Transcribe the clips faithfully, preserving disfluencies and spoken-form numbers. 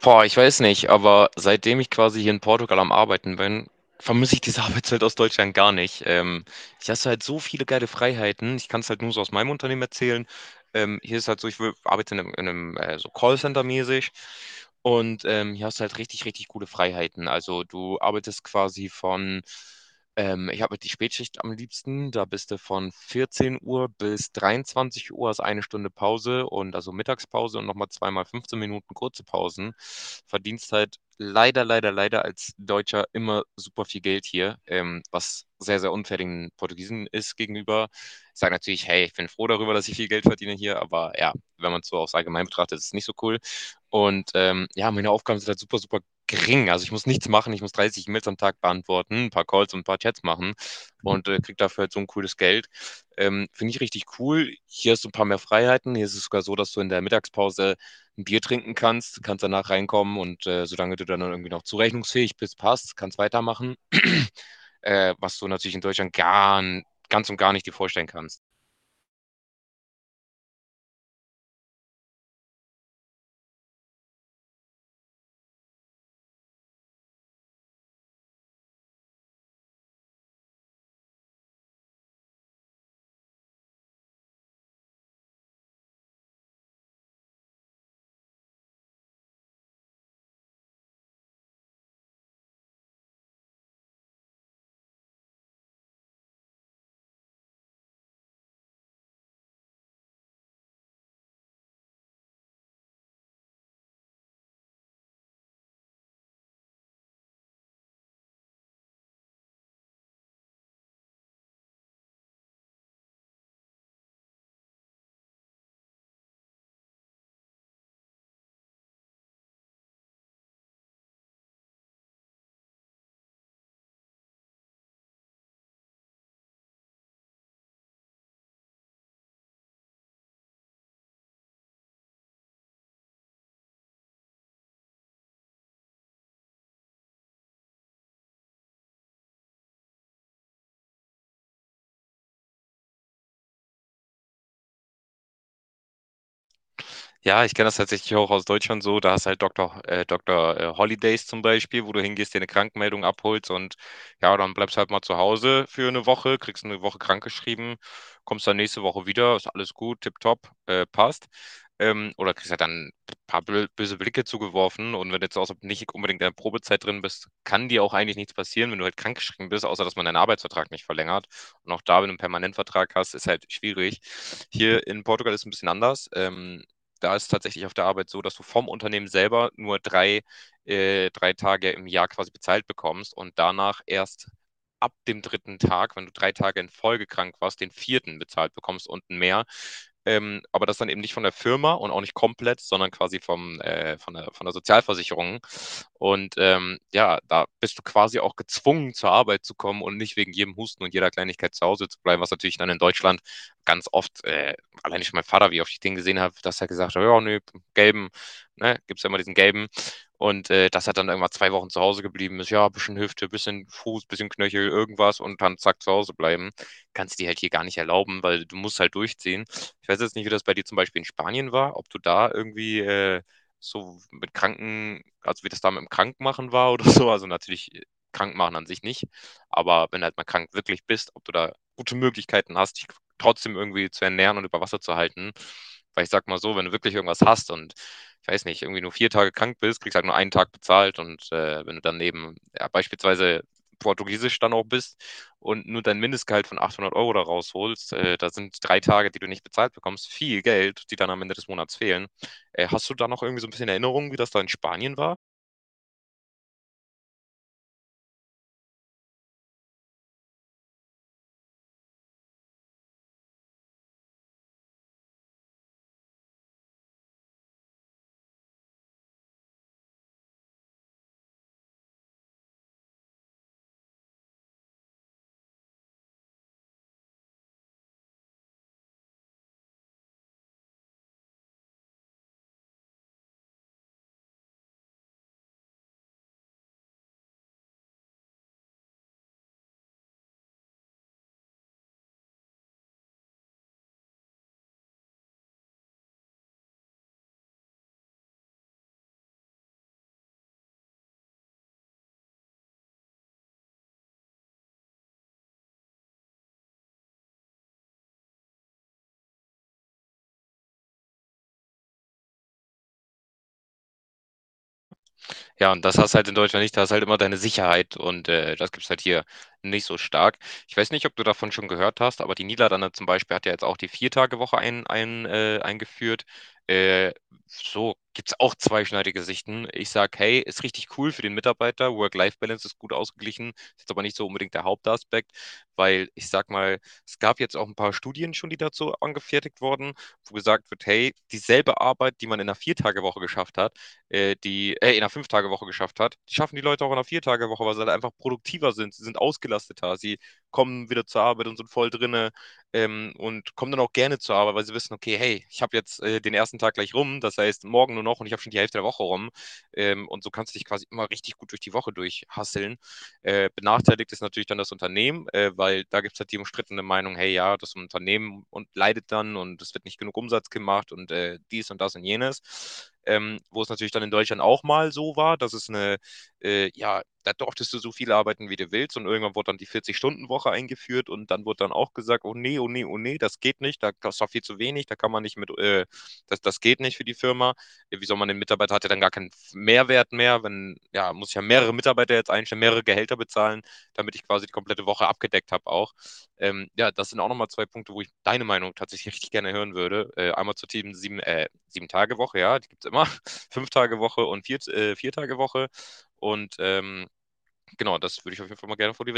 Boah, ich weiß nicht, aber seitdem ich quasi hier in Portugal am Arbeiten bin, vermisse ich diese Arbeitszeit aus Deutschland gar nicht. Ähm, ich hast halt so viele geile Freiheiten. Ich kann es halt nur so aus meinem Unternehmen erzählen. Ähm, hier ist halt so, ich wür- arbeite in einem, in einem äh, so Callcenter-mäßig. Und ähm, hier hast du halt richtig, richtig coole Freiheiten. Also du arbeitest quasi von ähm, ich habe die Spätschicht am liebsten. Da bist du von vierzehn Uhr bis dreiundzwanzig Uhr, hast eine Stunde Pause und also Mittagspause und nochmal zweimal fünfzehn Minuten kurze Pausen. Verdienst halt leider, leider, leider als Deutscher immer super viel Geld hier, ähm, was sehr, sehr unfair den Portugiesen ist gegenüber. Ich sage natürlich, hey, ich bin froh darüber, dass ich viel Geld verdiene hier, aber ja, wenn man es so aufs Allgemein betrachtet, ist es nicht so cool. Und ähm, ja, meine Aufgaben sind halt super, super gering. Also ich muss nichts machen, ich muss dreißig E-Mails am Tag beantworten, ein paar Calls und ein paar Chats machen und äh, kriege dafür halt so ein cooles Geld. Ähm, Finde ich richtig cool. Hier hast du ein paar mehr Freiheiten. Hier ist es sogar so, dass du in der Mittagspause ein Bier trinken kannst, kannst danach reinkommen und äh, solange du dann irgendwie noch zurechnungsfähig bist, passt, kannst weitermachen. äh, was du natürlich in Deutschland gar, ganz und gar nicht dir vorstellen kannst. Ja, ich kenne das tatsächlich auch aus Deutschland so. Da hast halt Doktor, äh, Doktor äh, Holidays zum Beispiel, wo du hingehst, dir eine Krankmeldung abholst und ja, dann bleibst halt mal zu Hause für eine Woche, kriegst eine Woche krankgeschrieben, kommst dann nächste Woche wieder, ist alles gut, tipptopp, äh, passt. Ähm, oder kriegst halt dann ein paar bö- böse Blicke zugeworfen und wenn du jetzt auch so nicht unbedingt in der Probezeit drin bist, kann dir auch eigentlich nichts passieren, wenn du halt krankgeschrieben bist, außer dass man deinen Arbeitsvertrag nicht verlängert. Und auch da, wenn du einen Permanentvertrag hast, ist halt schwierig. Hier in Portugal ist es ein bisschen anders. Ähm, da ist es tatsächlich auf der Arbeit so, dass du vom Unternehmen selber nur drei, äh, drei Tage im Jahr quasi bezahlt bekommst und danach erst ab dem dritten Tag, wenn du drei Tage in Folge krank warst, den vierten bezahlt bekommst und mehr. Ähm, aber das dann eben nicht von der Firma und auch nicht komplett, sondern quasi vom, äh, von der, von der Sozialversicherung. Und ähm, ja, da bist du quasi auch gezwungen, zur Arbeit zu kommen und nicht wegen jedem Husten und jeder Kleinigkeit zu Hause zu bleiben, was natürlich dann in Deutschland ganz oft äh, alleine schon mein Vater, wie oft ich den gesehen habe, dass er gesagt hat, ja, nö, gelben, ne, gibt es ja immer diesen gelben. Und äh, dass er dann irgendwann zwei Wochen zu Hause geblieben ist, ja, bisschen Hüfte, bisschen Fuß, bisschen Knöchel, irgendwas und dann zack zu Hause bleiben. Kannst du dir halt hier gar nicht erlauben, weil du musst halt durchziehen. Ich weiß jetzt nicht, wie das bei dir zum Beispiel in Spanien war, ob du da irgendwie äh, so mit Kranken, also wie das da mit dem Krankmachen war oder so. Also natürlich äh, krank machen an sich nicht, aber wenn du halt mal krank wirklich bist, ob du da gute Möglichkeiten hast, dich trotzdem irgendwie zu ernähren und über Wasser zu halten. Weil ich sag mal so, wenn du wirklich irgendwas hast und ich weiß nicht, irgendwie nur vier Tage krank bist, kriegst halt nur einen Tag bezahlt und äh, wenn du dann eben ja, beispielsweise portugiesisch dann auch bist und nur dein Mindestgehalt von achthundert Euro da rausholst, äh, da sind drei Tage, die du nicht bezahlt bekommst, viel Geld, die dann am Ende des Monats fehlen. Äh, hast du da noch irgendwie so ein bisschen Erinnerung, wie das da in Spanien war? Ja, und das hast halt in Deutschland nicht, da hast halt immer deine Sicherheit und äh, das gibt's halt hier nicht so stark. Ich weiß nicht, ob du davon schon gehört hast, aber die Niederlande zum Beispiel hat ja jetzt auch die Viertagewoche ein, ein, äh, eingeführt. Äh, so gibt's auch zweischneidige Sichten. Ich sag, hey, ist richtig cool für den Mitarbeiter, Work-Life-Balance ist gut ausgeglichen, ist jetzt aber nicht so unbedingt der Hauptaspekt, weil ich sag mal, es gab jetzt auch ein paar Studien schon, die dazu angefertigt wurden, wo gesagt wird, hey, dieselbe Arbeit, die man in einer Viertagewoche geschafft hat, äh, die äh, in einer Fünf-Tage-Woche geschafft hat. Die schaffen die Leute auch in einer Vier-Tage-Woche, weil sie halt einfach produktiver sind. Sie sind ausgelasteter. Sie kommen wieder zur Arbeit und sind voll drinne ähm, und kommen dann auch gerne zur Arbeit, weil sie wissen, okay, hey, ich habe jetzt äh, den ersten Tag gleich rum, das heißt morgen nur noch und ich habe schon die Hälfte der Woche rum. Ähm, und so kannst du dich quasi immer richtig gut durch die Woche durchhasseln. Äh, benachteiligt ist natürlich dann das Unternehmen, äh, weil da gibt es halt die umstrittene Meinung, hey ja, das Unternehmen und leidet dann und es wird nicht genug Umsatz gemacht und äh, dies und das und jenes. Ähm, wo es natürlich dann in Deutschland auch mal so war, dass es eine, äh, ja, da durftest du so viel arbeiten, wie du willst und irgendwann wurde dann die vierzig-Stunden-Woche eingeführt und dann wurde dann auch gesagt, oh nee, oh nee, oh nee, das geht nicht, da, das ist doch viel zu wenig, da kann man nicht mit, äh, das, das geht nicht für die Firma. Ja, wie soll man den Mitarbeiter, hat ja dann gar keinen Mehrwert mehr, wenn, ja, muss ich ja mehrere Mitarbeiter jetzt einstellen, mehrere Gehälter bezahlen, damit ich quasi die komplette Woche abgedeckt habe auch. Ähm, ja, das sind auch nochmal zwei Punkte, wo ich deine Meinung tatsächlich richtig gerne hören würde. Äh, einmal zur Team sieben, äh, sieben Tage Woche, ja, die gibt es immer, fünf Tage Woche und vier, äh, vier Tage Woche. Und ähm, genau, das würde ich auf jeden Fall mal gerne vor die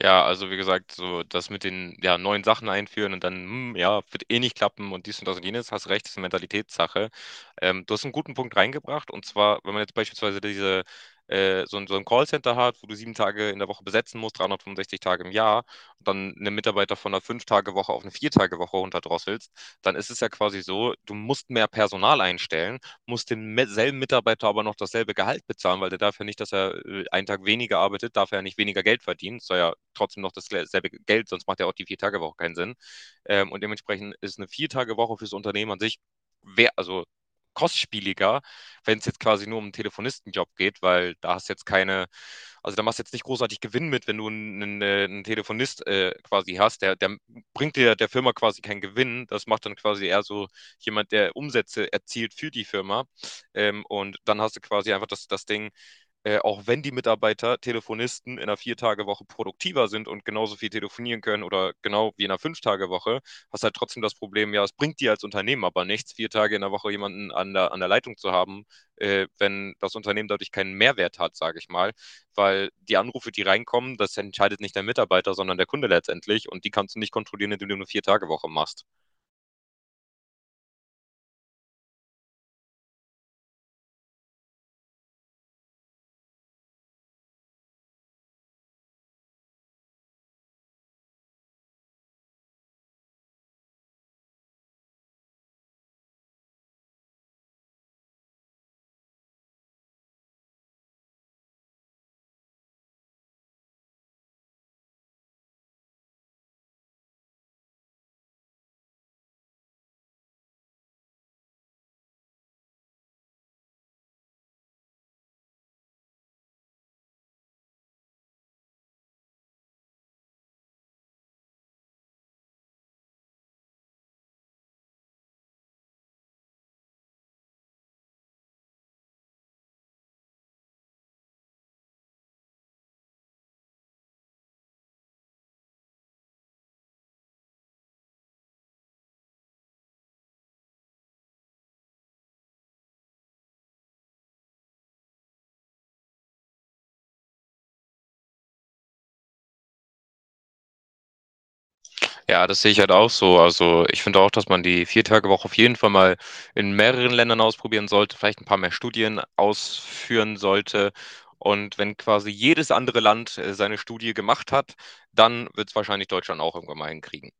Ja, also wie gesagt, so das mit den ja, neuen Sachen einführen und dann, hm, ja, wird eh nicht klappen und dies und das und jenes, hast recht, ist eine Mentalitätssache. Ähm, du hast einen guten Punkt reingebracht und zwar, wenn man jetzt beispielsweise diese, äh, so ein, so ein Callcenter hat, wo du sieben Tage in der Woche besetzen musst, dreihundertfünfundsechzig Tage im Jahr, und dann einen Mitarbeiter von einer Fünf-Tage-Woche auf eine Vier-Tage-Woche runterdrosselst, dann ist es ja quasi so, du musst mehr Personal einstellen muss demselben Mitarbeiter aber noch dasselbe Gehalt bezahlen, weil der darf ja nicht, dass er äh, einen Tag weniger arbeitet, darf er ja nicht weniger Geld verdienen, soll ja trotzdem noch dasselbe Geld, sonst macht ja auch die Vier-Tage-Woche keinen Sinn. Ähm, und dementsprechend ist eine Vier-Tage-Woche fürs Unternehmen an sich, wer, also kostspieliger, wenn es jetzt quasi nur um einen Telefonistenjob geht, weil da hast jetzt keine, also da machst du jetzt nicht großartig Gewinn mit, wenn du einen, einen Telefonist äh, quasi hast. Der, der, bringt dir der Firma quasi keinen Gewinn. Das macht dann quasi eher so jemand, der Umsätze erzielt für die Firma. Ähm, und dann hast du quasi einfach das, das Ding, äh, auch wenn die Mitarbeiter, Telefonisten in einer Vier-Tage-Woche produktiver sind und genauso viel telefonieren können oder genau wie in einer Fünf-Tage-Woche, hast halt trotzdem das Problem, ja, es bringt dir als Unternehmen aber nichts, vier Tage in der Woche jemanden an der, an der Leitung zu haben, äh, wenn das Unternehmen dadurch keinen Mehrwert hat, sage ich mal, weil die Anrufe, die reinkommen, das entscheidet nicht der Mitarbeiter, sondern der Kunde letztendlich und die kannst du nicht kontrollieren, indem du eine Vier-Tage-Woche machst. Ja, das sehe ich halt auch so. Also ich finde auch, dass man die Viertagewoche auf jeden Fall mal in mehreren Ländern ausprobieren sollte, vielleicht ein paar mehr Studien ausführen sollte. Und wenn quasi jedes andere Land äh, seine Studie gemacht hat, dann wird es wahrscheinlich Deutschland auch irgendwann mal hinkriegen.